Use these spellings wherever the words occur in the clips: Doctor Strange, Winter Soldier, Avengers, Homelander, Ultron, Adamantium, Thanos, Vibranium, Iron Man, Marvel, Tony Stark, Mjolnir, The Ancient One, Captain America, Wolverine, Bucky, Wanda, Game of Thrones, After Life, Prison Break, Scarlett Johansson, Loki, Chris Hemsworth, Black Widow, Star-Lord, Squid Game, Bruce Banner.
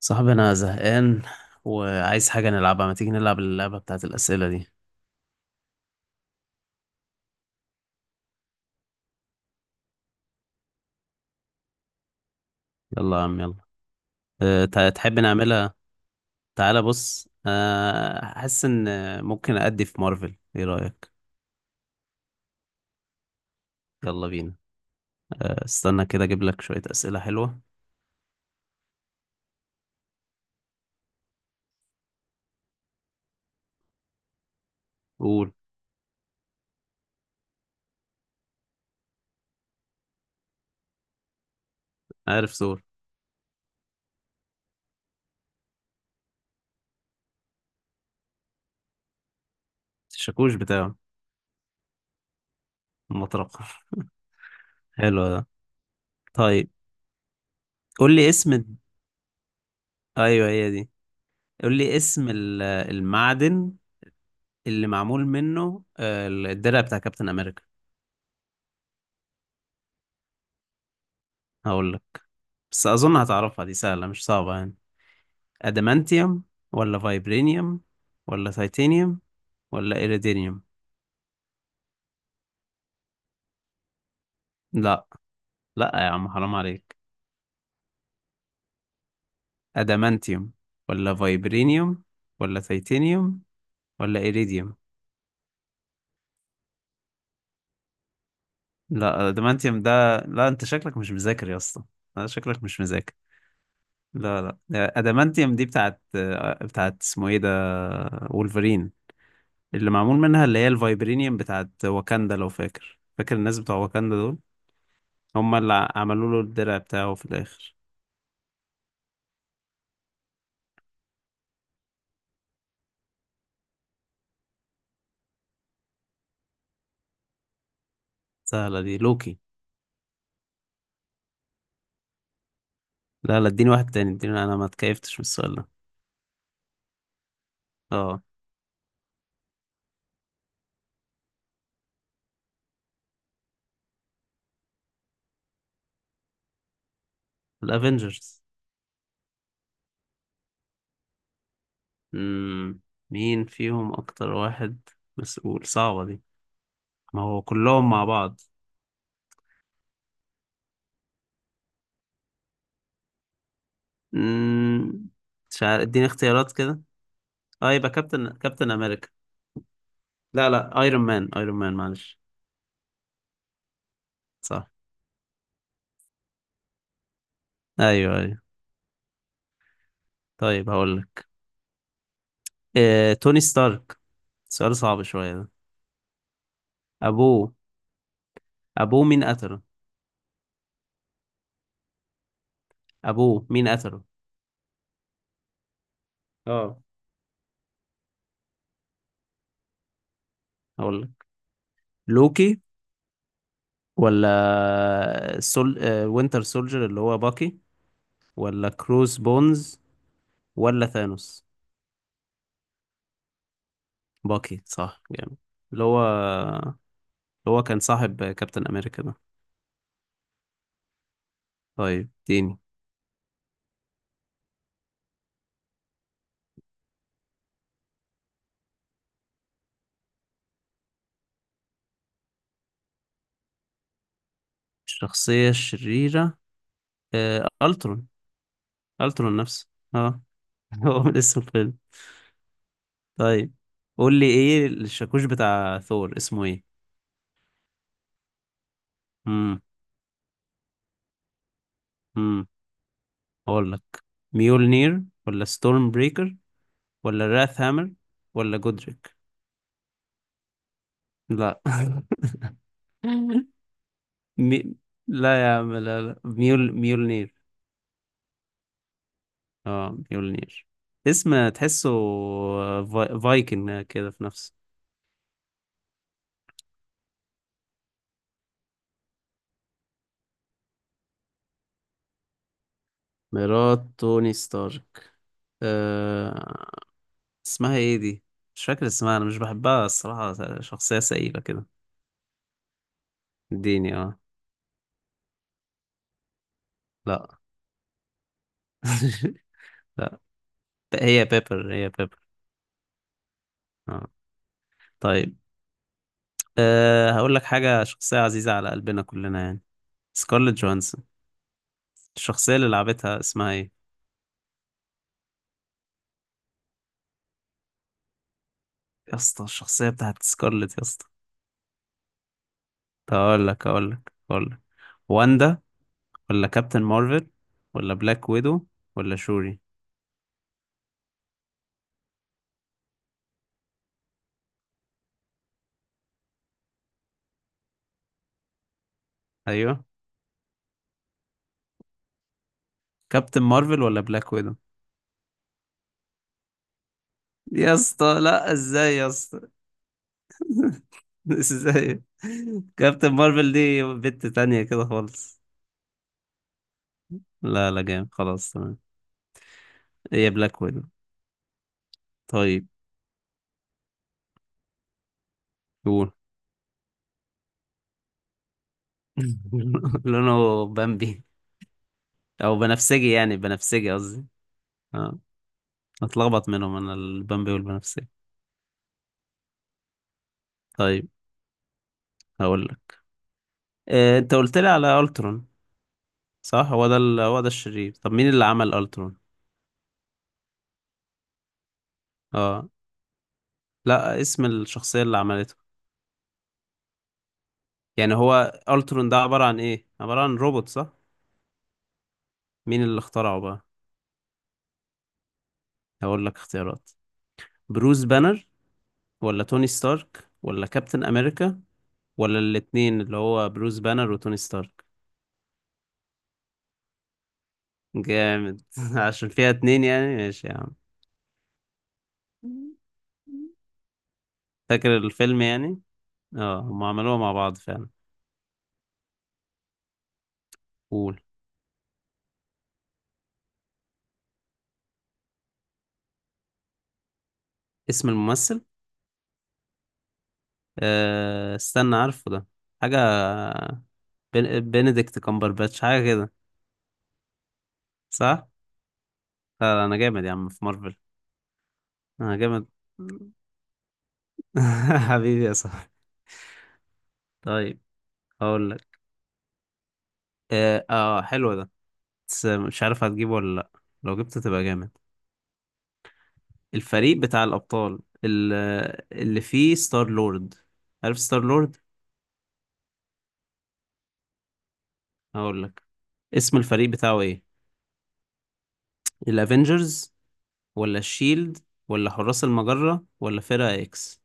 صاحبي انا زهقان، وعايز حاجة نلعبها، ما تيجي نلعب اللعبة بتاعت الأسئلة دي؟ يلا يا عم يلا. تحب نعملها؟ تعالى بص. حاسس ان ممكن أدي في مارفل، ايه رأيك؟ يلا بينا. استنى كده، اجيب لك شوية أسئلة حلوة. قول. عارف ثور؟ الشاكوش بتاعه. المطرقة حلو ده. طيب، قول لي اسم الد-. ايوه هي دي. قول لي اسم المعدن اللي معمول منه الدرع بتاع كابتن امريكا. هقول لك، بس أظن هتعرفها، دي سهلة مش صعبة يعني. أدمانتيوم، ولا فايبرينيوم، ولا تيتانيوم، ولا إيريدينيوم؟ لا، لا يا عم حرام عليك. أدمانتيوم، ولا فايبرينيوم، ولا تيتانيوم، ولا إيريديوم؟ لا، أدمانتيوم ده، لا أنت شكلك مش مذاكر يا اسطى. لا، شكلك مش مذاكر. لا، لا أدمانتيوم دي بتاعت اسمه إيه ده، وولفرين، اللي معمول منها، اللي هي الفايبرينيوم بتاعت واكاندا، لو فاكر، الناس بتوع واكاندا دول. هما اللي عملوا له الدرع بتاعه في الاخر. سهلة دي، لوكي. لا، لا اديني واحد تاني، اديني، انا ما اتكيفتش من السؤال ده. اه. الافينجرز. امم. مين فيهم اكتر واحد مسؤول؟ صعبة دي. ما هو كلهم مع بعض. امم. مش عارف، اديني اختيارات كده. اه يبقى كابتن امريكا. لا، لا ايرون مان، ايرون مان معلش. صح. ايوه، ايوه طيب هقول لك. إيه، توني ستارك. سؤال صعب شوية ده. ابوه. ابوه مين قتله. ابوه مين قتله. اه. اقول لك، لوكي، ولا سول آه، وينتر سولجر اللي هو باكي، ولا كروس بونز، ولا ثانوس؟ باكي صح جامد. اللي هو اللي هو كان صاحب كابتن امريكا ده. طيب اديني. الشخصية الشريرة الترون. الترون نفسه. اه. هو من اسم الفيلم. طيب، قول لي ايه الشاكوش بتاع ثور، اسمه ايه؟ امم. امم. اقول لك، ميولنير، ولا ستورم بريكر، ولا راث هامر، ولا جودريك؟ لا. مي... لا يا عم، لا لا ميولنير. اه ميولنير. اسم تحسه فايكنج كده في نفسه. مرات توني ستارك. أه... اسمها ايه دي؟ مش فاكر اسمها، انا مش بحبها الصراحة، شخصية سئيلة كده. اديني اه. لا. لا. هي بيبر، هي بيبر. اه. طيب. هقول لك حاجة، شخصية عزيزة على قلبنا كلنا يعني، سكارلت جوهانسون. الشخصية اللي لعبتها اسمها ايه؟ يا اسطى الشخصية بتاعت سكارلت يا اسطى. طب اقول لك، واندا، ولا كابتن مارفل، ولا بلاك ويدو، ولا شوري؟ ايوه. كابتن مارفل ولا بلاك ويدو؟ يا اسطى لا، ازاي يا اسطى. ازاي. كابتن مارفل دي بنت تانية كده خالص. لا، لا جامد خلاص تمام. هي بلاك ويدو. طيب قول. لونه بامبي. او بنفسجي يعني، بنفسجي قصدي. اه. اتلخبط منهم انا، البامبي والبنفسجي. طيب هقول لك، انت قلت لي على الترون. صح، هو ده الشرير، طب مين اللي عمل الترون؟ اه، لا اسم الشخصية اللي عملته، يعني هو الترون ده عبارة عن ايه، عبارة عن روبوت صح؟ مين اللي اخترعه بقى؟ هقول لك اختيارات. بروس بانر، ولا توني ستارك، ولا كابتن امريكا، ولا الاتنين اللي هو بروس بانر وتوني ستارك؟ جامد عشان فيها اتنين يعني، ماشي يا عم. فاكر الفيلم يعني. اه هم عملوها مع بعض فعلا. قول. اسم الممثل. استنى، عارفه ده. حاجة بنديكت كامبرباتش، حاجة كده. صح؟ لا، لا، أنا جامد يا عم في مارفل. أنا جامد. حبيبي يا صاحبي. طيب هقول لك، حلو ده، بس مش عارف هتجيبه ولا لأ، لو جبته تبقى جامد. الفريق بتاع الأبطال، ال- اللي فيه ستار لورد، عارف ستار لورد؟ هقول لك. اسم الفريق بتاعه إيه؟ الأفينجرز، ولا الشيلد، ولا حراس المجرة، ولا فرقة إكس؟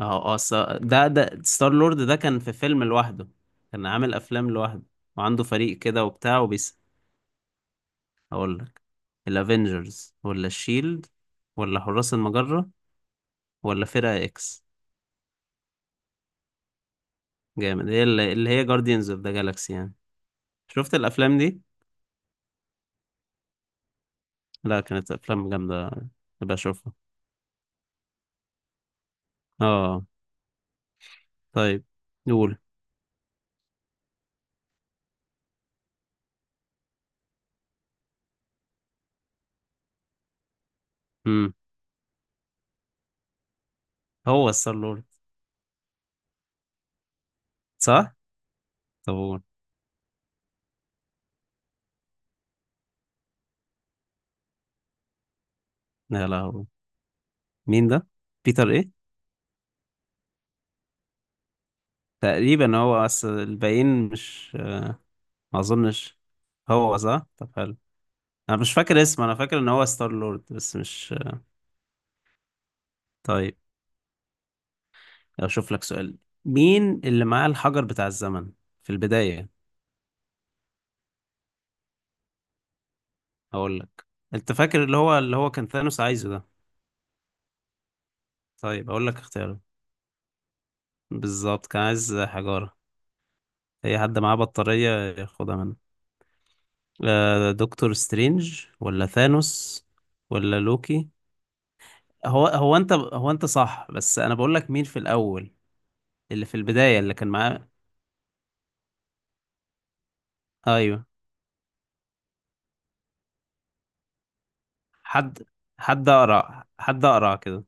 اه اه ده ستار لورد ده كان في فيلم لوحده، كان عامل افلام لوحده، وعنده فريق كده وبتاع وبيس. اقول لك، الافينجرز، ولا الشيلد، ولا حراس المجرة، ولا فرقة اكس؟ جامد، هي اللي هي جارديانز اوف ذا جالاكسي يعني. شفت الافلام دي؟ لا كانت افلام جامدة، تبقى اشوفها. اه. طيب. نقول. امم. هو ستار لورد. صح. طب قول. لا، لا هو. مين ده، بيتر ايه؟ تقريبا هو اصل الباقيين مش. ما اظنش. هو صح، طب حلو. انا مش فاكر اسمه، انا فاكر ان هو ستار لورد بس مش. طيب اشوف لك سؤال. مين اللي معاه الحجر بتاع الزمن في البداية؟ اقول لك، انت فاكر اللي هو كان ثانوس عايزه ده. طيب اقول لك اختياره، بالظبط كان عايز حجارة، اي حد معاه بطارية ياخدها منه. دكتور سترينج، ولا ثانوس، ولا لوكي؟ هو انت صح، بس انا بقول لك مين في الاول، اللي في البداية اللي كان معاه. ايوه. حد حد اقرا كده.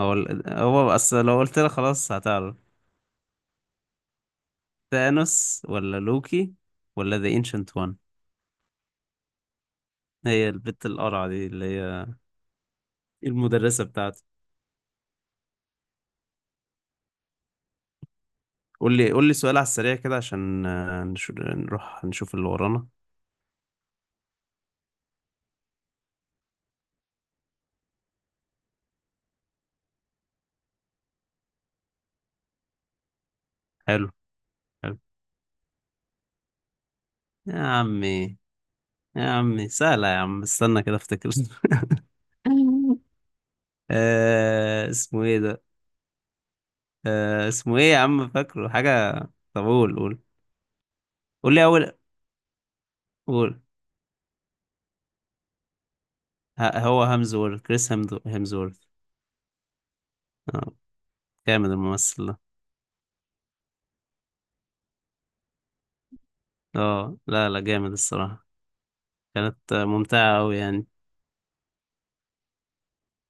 هو بس لو قلت لك خلاص هتعرف. ثانوس، ولا لوكي، ولا ذا انشنت وان؟ هي البت القرعة دي، اللي هي المدرسة بتاعتي. قول لي قول لي سؤال على السريع كده، عشان نروح نشوف اللي ورانا. حلو حلو يا عمي يا عمي. سهلة يا عم، استنى كده افتكر اسمه ايه ده. اسمه ايه يا عم، فاكره حاجة. طب قول قول. قول لي اول. قول. هو هامزورث، كريس هامزورث. اه. جامد الممثل ده. اه، لا لا جامد الصراحة. كانت ممتعة أوي يعني.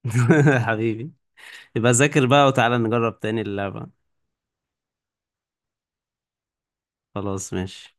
حبيبي. يبقى ذاكر بقى، وتعالى نجرب تاني اللعبة. خلاص ماشي.